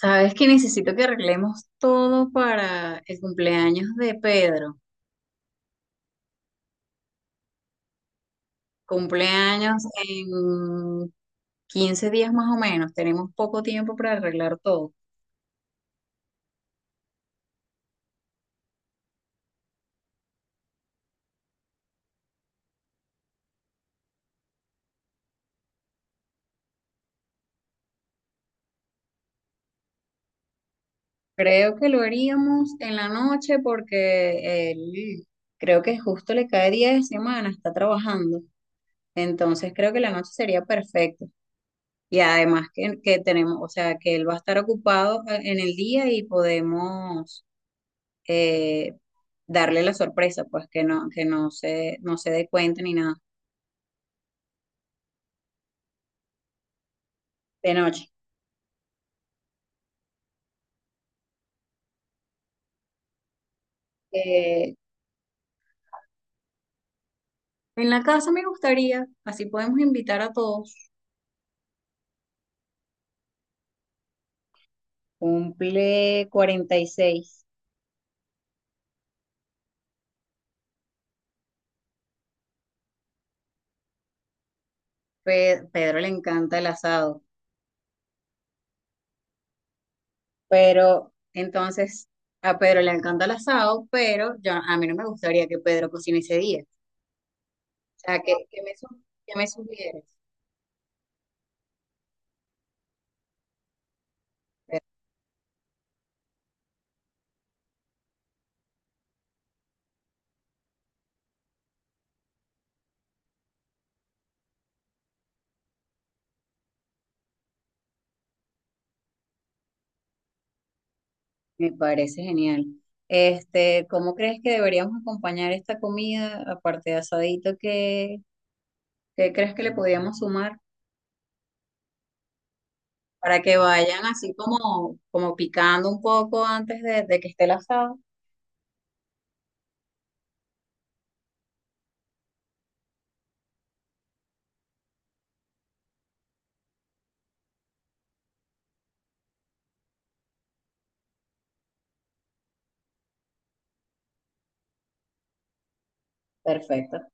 Sabes que necesito que arreglemos todo para el cumpleaños de Pedro. Cumpleaños en 15 días más o menos. Tenemos poco tiempo para arreglar todo. Creo que lo haríamos en la noche porque él creo que justo le cae día de semana, está trabajando. Entonces creo que la noche sería perfecto. Y además que tenemos, o sea, que él va a estar ocupado en el día y podemos eh, darle la sorpresa, pues que no se, no se dé cuenta ni nada de noche. Eh, en la casa me gustaría, así podemos invitar a todos. Cumple 46. Pedro le encanta el asado, pero entonces a Pedro le encanta el asado, pero yo, a mí no me gustaría que Pedro cocine ese día. O sea, que me sugieres. Me parece genial. Este, ¿cómo crees que deberíamos acompañar esta comida, aparte de asadito, qué crees que le podríamos sumar para que vayan así como, como picando un poco antes de que esté el asado? Perfecto.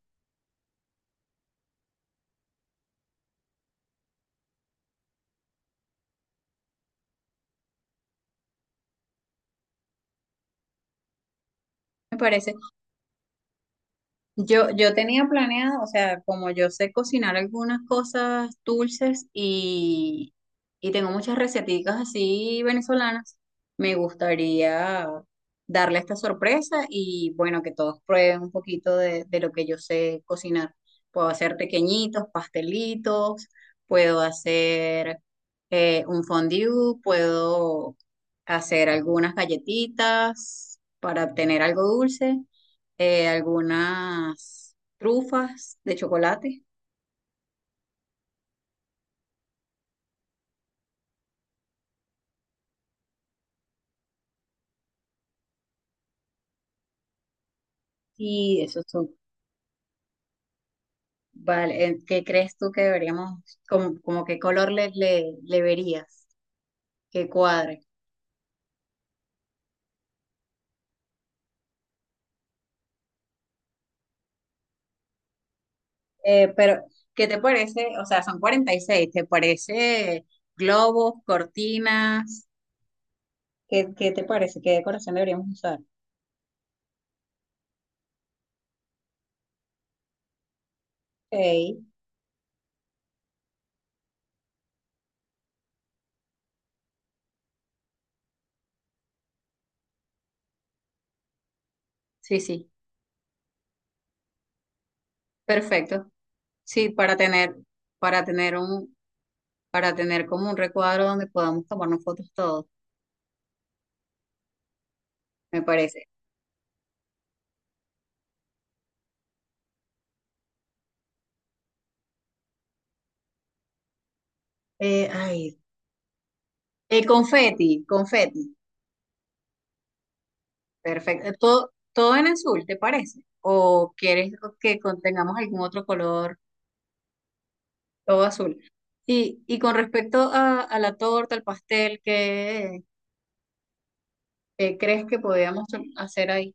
Me parece. Yo tenía planeado, o sea, como yo sé cocinar algunas cosas dulces y tengo muchas receticas así venezolanas, me gustaría darle esta sorpresa y bueno, que todos prueben un poquito de lo que yo sé cocinar. Puedo hacer pequeñitos, pastelitos, puedo hacer un fondue, puedo hacer algunas galletitas para tener algo dulce, algunas trufas de chocolate y esos son, vale, ¿qué crees tú que deberíamos, como, como qué color le verías, que cuadre? Pero, ¿qué te parece? O sea, son 46, ¿te parece globos, cortinas? ¿Qué te parece? ¿Qué decoración deberíamos usar? Ok. Sí, sí, perfecto. Sí, para tener, para tener un, para tener como un recuadro donde podamos tomarnos fotos todos, me parece. Eh, ay, el confeti, confeti. Perfecto. Todo en azul, ¿te parece? ¿O quieres que contengamos algún otro color, todo azul? Y con respecto a la torta, al pastel, ¿qué crees que podíamos hacer ahí?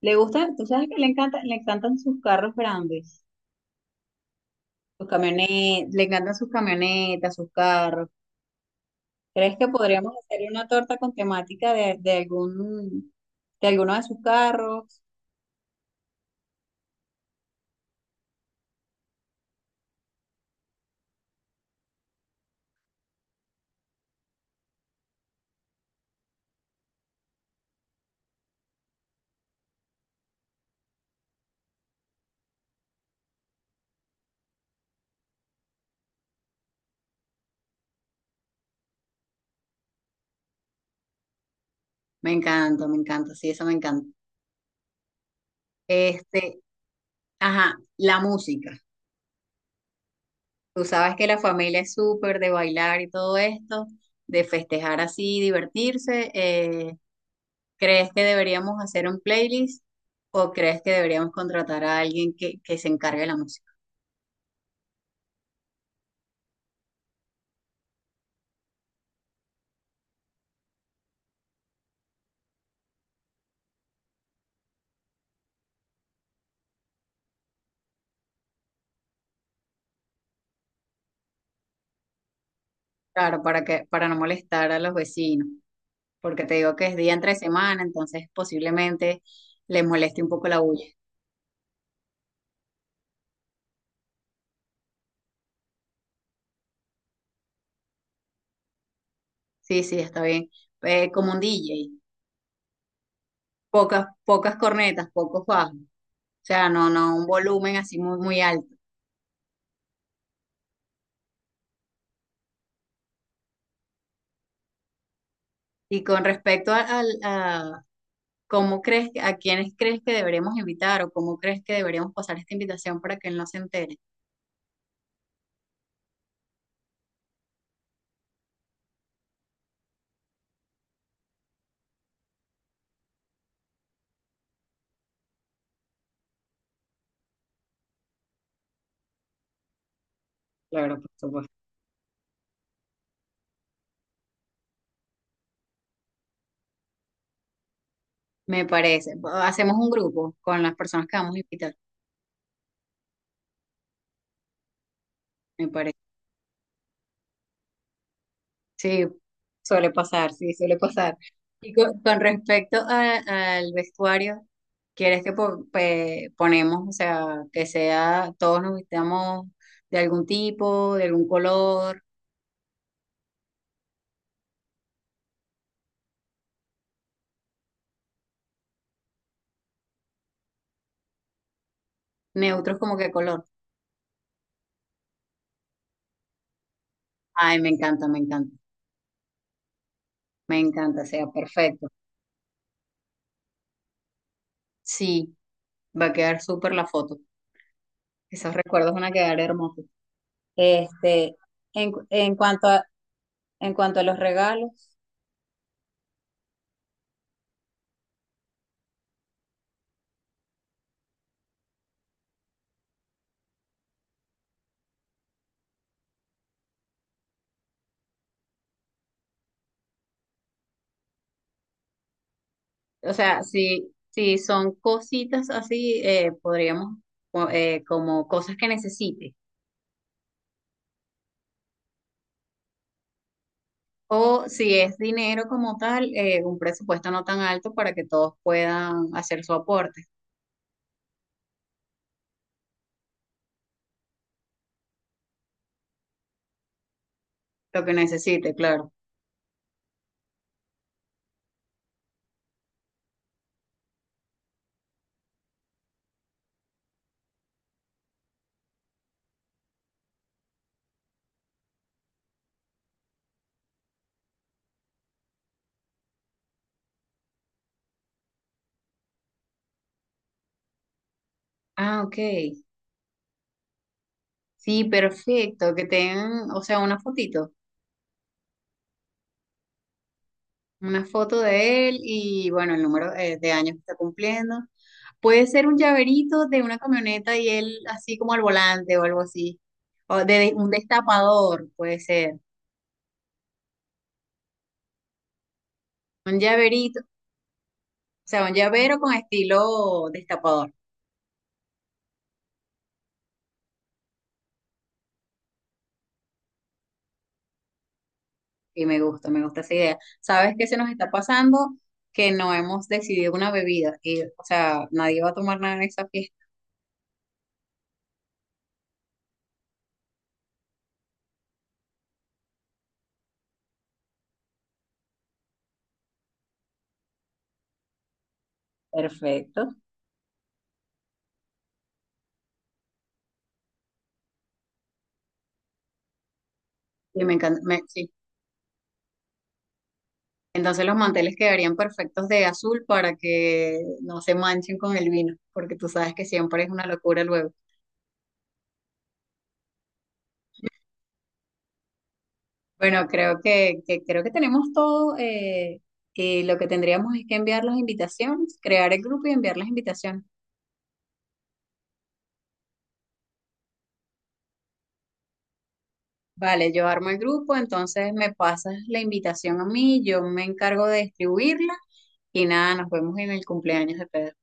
Le gusta, tú sabes que le encanta, le encantan sus carros grandes, sus camionetas, le encantan sus camionetas, sus carros. ¿Crees que podríamos hacer una torta con temática de alguno de sus carros? Me encanta, sí, eso me encanta. Este, ajá, la música. Tú sabes que la familia es súper de bailar y todo esto, de festejar así, divertirse. ¿Crees que deberíamos hacer un playlist o crees que deberíamos contratar a alguien que se encargue de la música? Claro, para no molestar a los vecinos, porque te digo que es día entre semana, entonces posiblemente les moleste un poco la bulla. Sí, sí, está bien. Como un DJ. Pocas, pocas cornetas, pocos bajos. O sea, no, no, un volumen así muy, muy alto. Y con respecto a cómo crees, a quiénes crees que deberemos invitar o cómo crees que deberíamos pasar esta invitación para que él no se entere. Claro, por supuesto. Me parece. Hacemos un grupo con las personas que vamos a invitar, me parece. Sí, suele pasar, sí, suele pasar. Y con respecto al vestuario, ¿quieres que ponemos, o sea, que sea, todos nos vistamos de algún tipo, de algún color, neutros como que color? Ay, me encanta, me encanta, me encanta, o sea, perfecto. Sí, va a quedar súper la foto. Esos recuerdos van a quedar hermosos. Este, en, en cuanto a, en cuanto a los regalos. O sea, si son cositas así, podríamos, como cosas que necesite. O si es dinero como tal, un presupuesto no tan alto para que todos puedan hacer su aporte, lo que necesite, claro. Ah, ok. Sí, perfecto. Que tengan, o sea, una fotito, una foto de él y bueno, el número de años que está cumpliendo. Puede ser un llaverito de una camioneta y él así como al volante o algo así. O de un destapador, puede ser. Un llaverito, o sea, un llavero con estilo destapador. Y me gusta esa idea. ¿Sabes qué se nos está pasando? Que no hemos decidido una bebida. Y, o sea, nadie va a tomar nada en esa fiesta. Perfecto. Y me encanta. Entonces los manteles quedarían perfectos de azul para que no se manchen con el vino, porque tú sabes que siempre es una locura luego. Bueno, creo que tenemos todo. Y lo que tendríamos es que enviar las invitaciones, crear el grupo y enviar las invitaciones. Vale, yo armo el grupo, entonces me pasas la invitación a mí, yo me encargo de distribuirla y nada, nos vemos en el cumpleaños de Pedro.